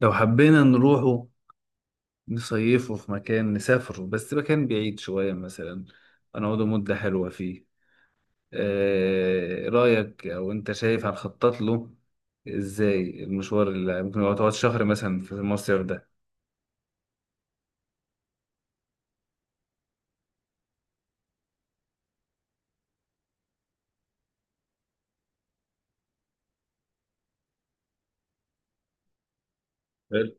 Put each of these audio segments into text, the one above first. لو حبينا نروحه، نصيفه في مكان نسافره، بس مكان بعيد شوية مثلا. هنقعده مدة حلوة فيه. رأيك أو أنت شايف هنخطط له إزاي المشوار اللي ممكن يقعد شهر مثلا في المصيف ده؟ حلو.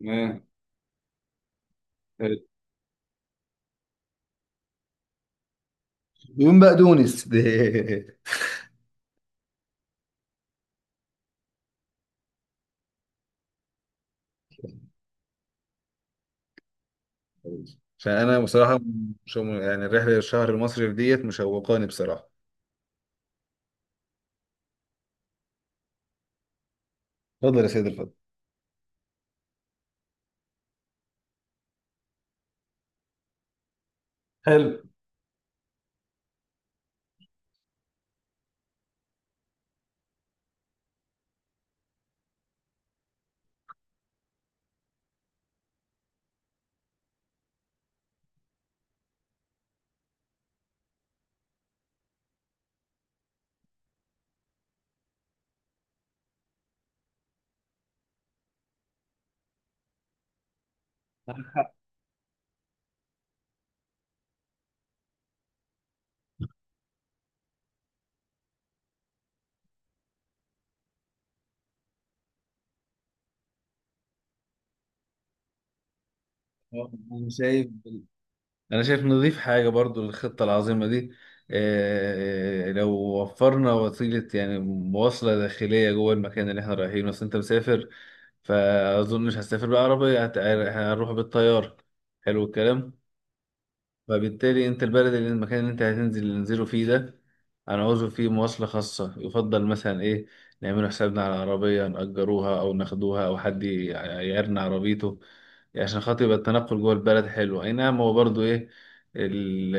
تمام. حلو. دهون بقى دونس. فأنا بصراحة مش يعني الرحلة الشهر المصري ديت مشوقاني بصراحة. اتفضل يا سيد، اتفضل. حلو. أنا شايف انا شايف نضيف حاجه برضو للخطه العظيمه دي. لو وفرنا وسيله، يعني مواصله داخليه جوه المكان اللي احنا رايحينه، بس انت مسافر فاظن مش هسافر بالعربيه، هنروح بالطياره. حلو الكلام. فبالتالي انت البلد، اللي المكان اللي انت هتنزل ننزله فيه ده هنعوزه فيه مواصلة خاصة، يفضل مثلا ايه نعمله حسابنا على عربية نأجروها او ناخدوها او حد يعيرنا عربيته، عشان خاطر يبقى التنقل جوه البلد حلو. اي نعم، هو برضو ايه، ال-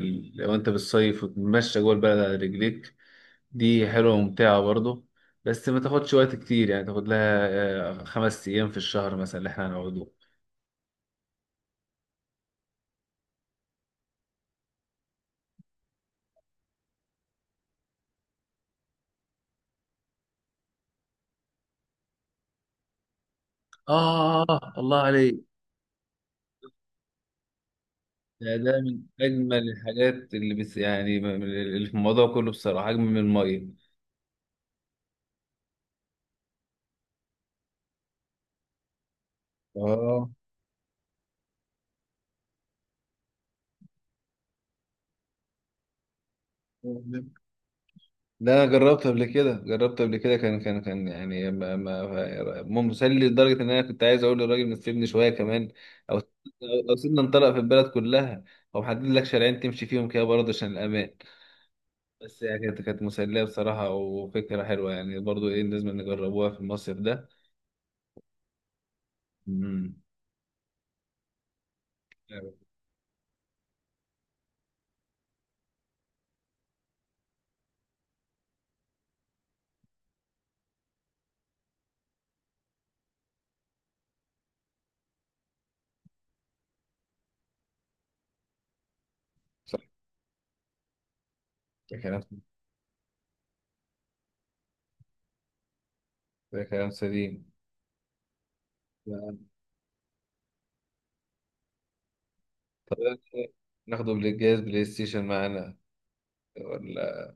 ال- لو انت بالصيف وتتمشى جوه البلد على رجليك دي حلوة وممتعة برضو، بس ما تاخدش وقت كتير، يعني تاخد لها 5 ايام في الشهر مثلا اللي احنا هنقعدوه. آه، الله عليك. ده من أجمل الحاجات اللي، بس يعني، اللي في الموضوع كله بصراحة أجمل من المية. اه، ده أنا جربت قبل كده، جربت قبل كده، كان يعني مسلي لدرجة إن أنا كنت عايز أقول للراجل نسيبني شوية كمان. أو أو سيبنا نطلق في البلد كلها، أو محدد لك شارعين تمشي فيهم كده برضه عشان الأمان. بس يعني كانت مسلية بصراحة، وفكرة حلوة، يعني برضه إيه لازم نجربوها في المصيف ده. امم. صح، ده كلام ده كلام سليم. طب، إيه؟ ناخده بالجهاز بلاي ستيشن معانا، ولا؟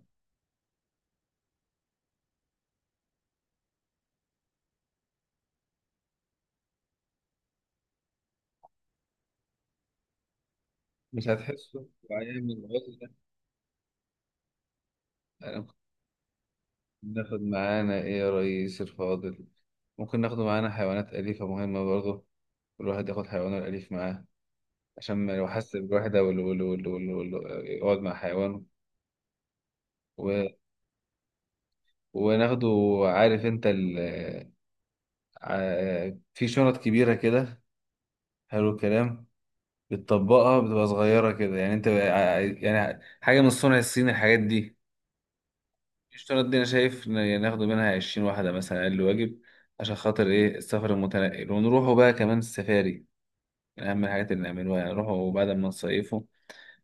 مش هتحسه بأيام العزلة. أنا ممكن. ناخد معانا إيه يا ريس الفاضل؟ ممكن ناخده معانا حيوانات أليفة مهمة برضه، الواحد ياخد حيوانه الأليف معاه عشان ما لو حس بالوحدة يقعد مع حيوانه. و... وناخده. عارف أنت في شنط كبيرة كده، حلو الكلام، بتطبقها بتبقى صغيرة كده، يعني أنت يعني حاجة من الصنع الصيني، الحاجات دي الاشتراط دي انا شايف يعني ناخده منها 20 واحده مثلا اقل واجب، عشان خاطر ايه السفر المتنقل. ونروحوا بقى كمان السفاري من اهم الحاجات اللي نعملوها، يعني نروحوا بعد ما نصيفوا،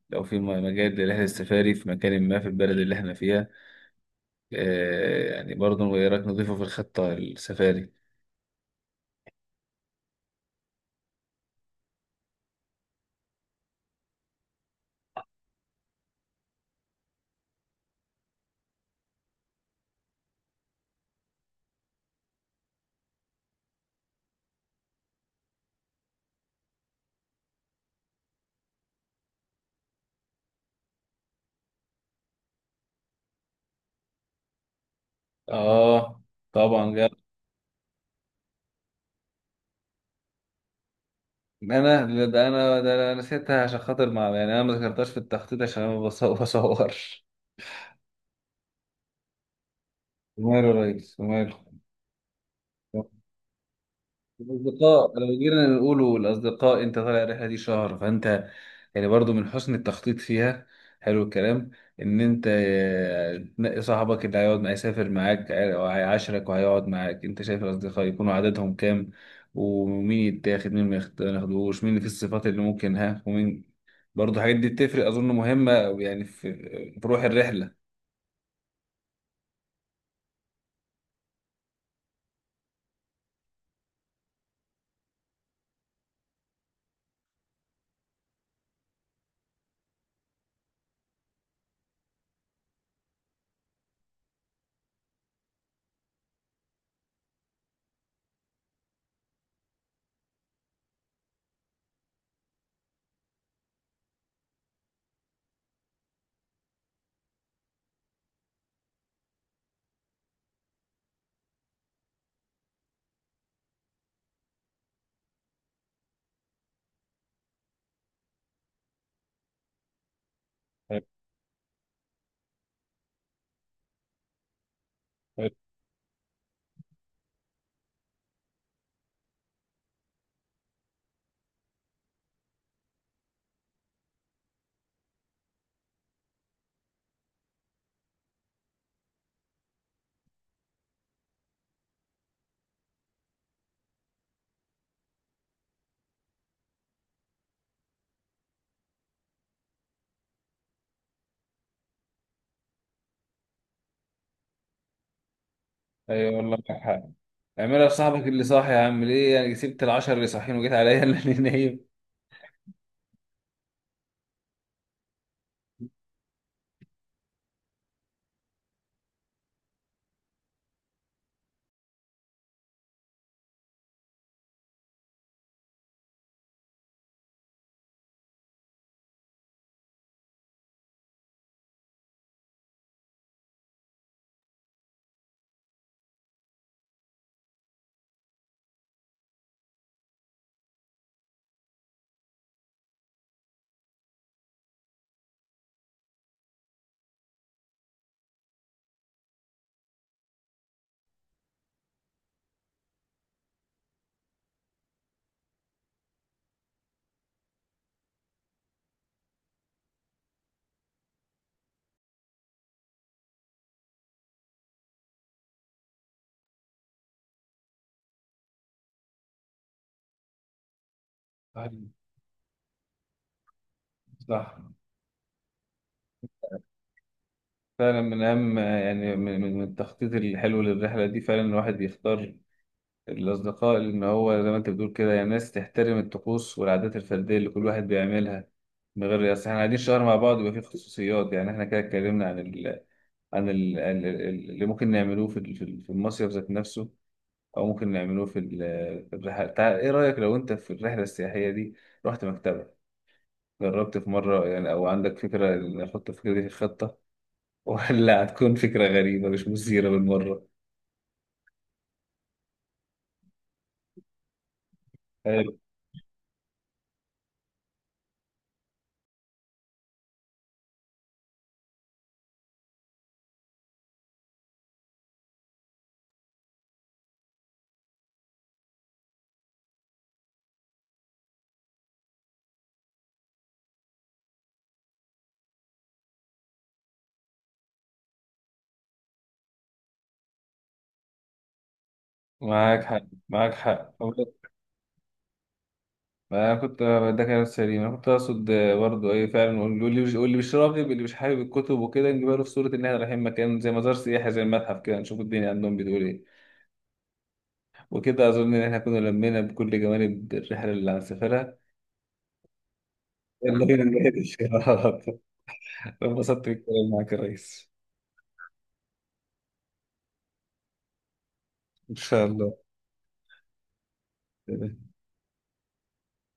لو في مجال لرحله السفاري في مكان ما في البلد اللي احنا فيها. يعني برضه ايه رايك، نضيفه في الخطه السفاري. اه، طبعا جاب. انا لا، ده انا نسيتها، عشان خاطر، مع يعني انا ما ذكرتهاش في التخطيط عشان انا ما بصورش. وماله يا ريس، وماله. الأصدقاء، لو جينا نقولوا الأصدقاء، أنت طالع الرحلة دي شهر، فأنت يعني برضو من حسن التخطيط فيها، حلو الكلام، إن أنت تنقي صاحبك اللي هيقعد معاه، يسافر معاك وهيعاشرك وهيقعد معاك. أنت شايف الأصدقاء يكونوا عددهم كام؟ ومين يتاخد، مين ما ياخدوش، مين في الصفات اللي ممكن، ها، ومين، برضو الحاجات دي بتفرق، أظن مهمة، يعني في روح الرحلة. حلو. حلو. أيوة والله، معاك حق. اعملها لصاحبك اللي صاحي يا عم، ليه يعني؟ سبت العشرة اللي صاحيين وجيت عليا اللي نايم؟ صح. فعلا من أهم، يعني من التخطيط الحلو للرحلة دي، فعلا الواحد يختار الأصدقاء اللي إن هو زي ما أنت بتقول كده، يعني ناس تحترم الطقوس والعادات الفردية اللي كل واحد بيعملها، من غير أصل إحنا قاعدين شهر مع بعض يبقى في خصوصيات. يعني إحنا كده اتكلمنا عن اللي ممكن نعملوه في المصيف ذات نفسه، أو ممكن نعملوه في الرحلة. تعال، إيه رأيك لو أنت في الرحلة السياحية دي رحت مكتبة، جربت في مرة يعني، أو عندك فكرة نحط الفكرة دي في الخطة، ولا هتكون فكرة غريبة مش مثيرة بالمرة؟ حلو. معاك حق، معاك حق. ما أنا كنت ده كلام سليم، انا كنت اقصد برضه ايه، فعلا واللي مش راغب، اللي مش حابب الكتب وكده نجيبها له في صوره ان احنا رايحين مكان زي مزار سياحي، زي المتحف كده، نشوف الدنيا عندهم بتقول ايه. وكده اظن ان احنا كنا لمينا بكل جوانب الرحله اللي هنسافرها. يلا بينا نناقش. انبسطت بالكلام معاك يا ريس. إن شاء الله.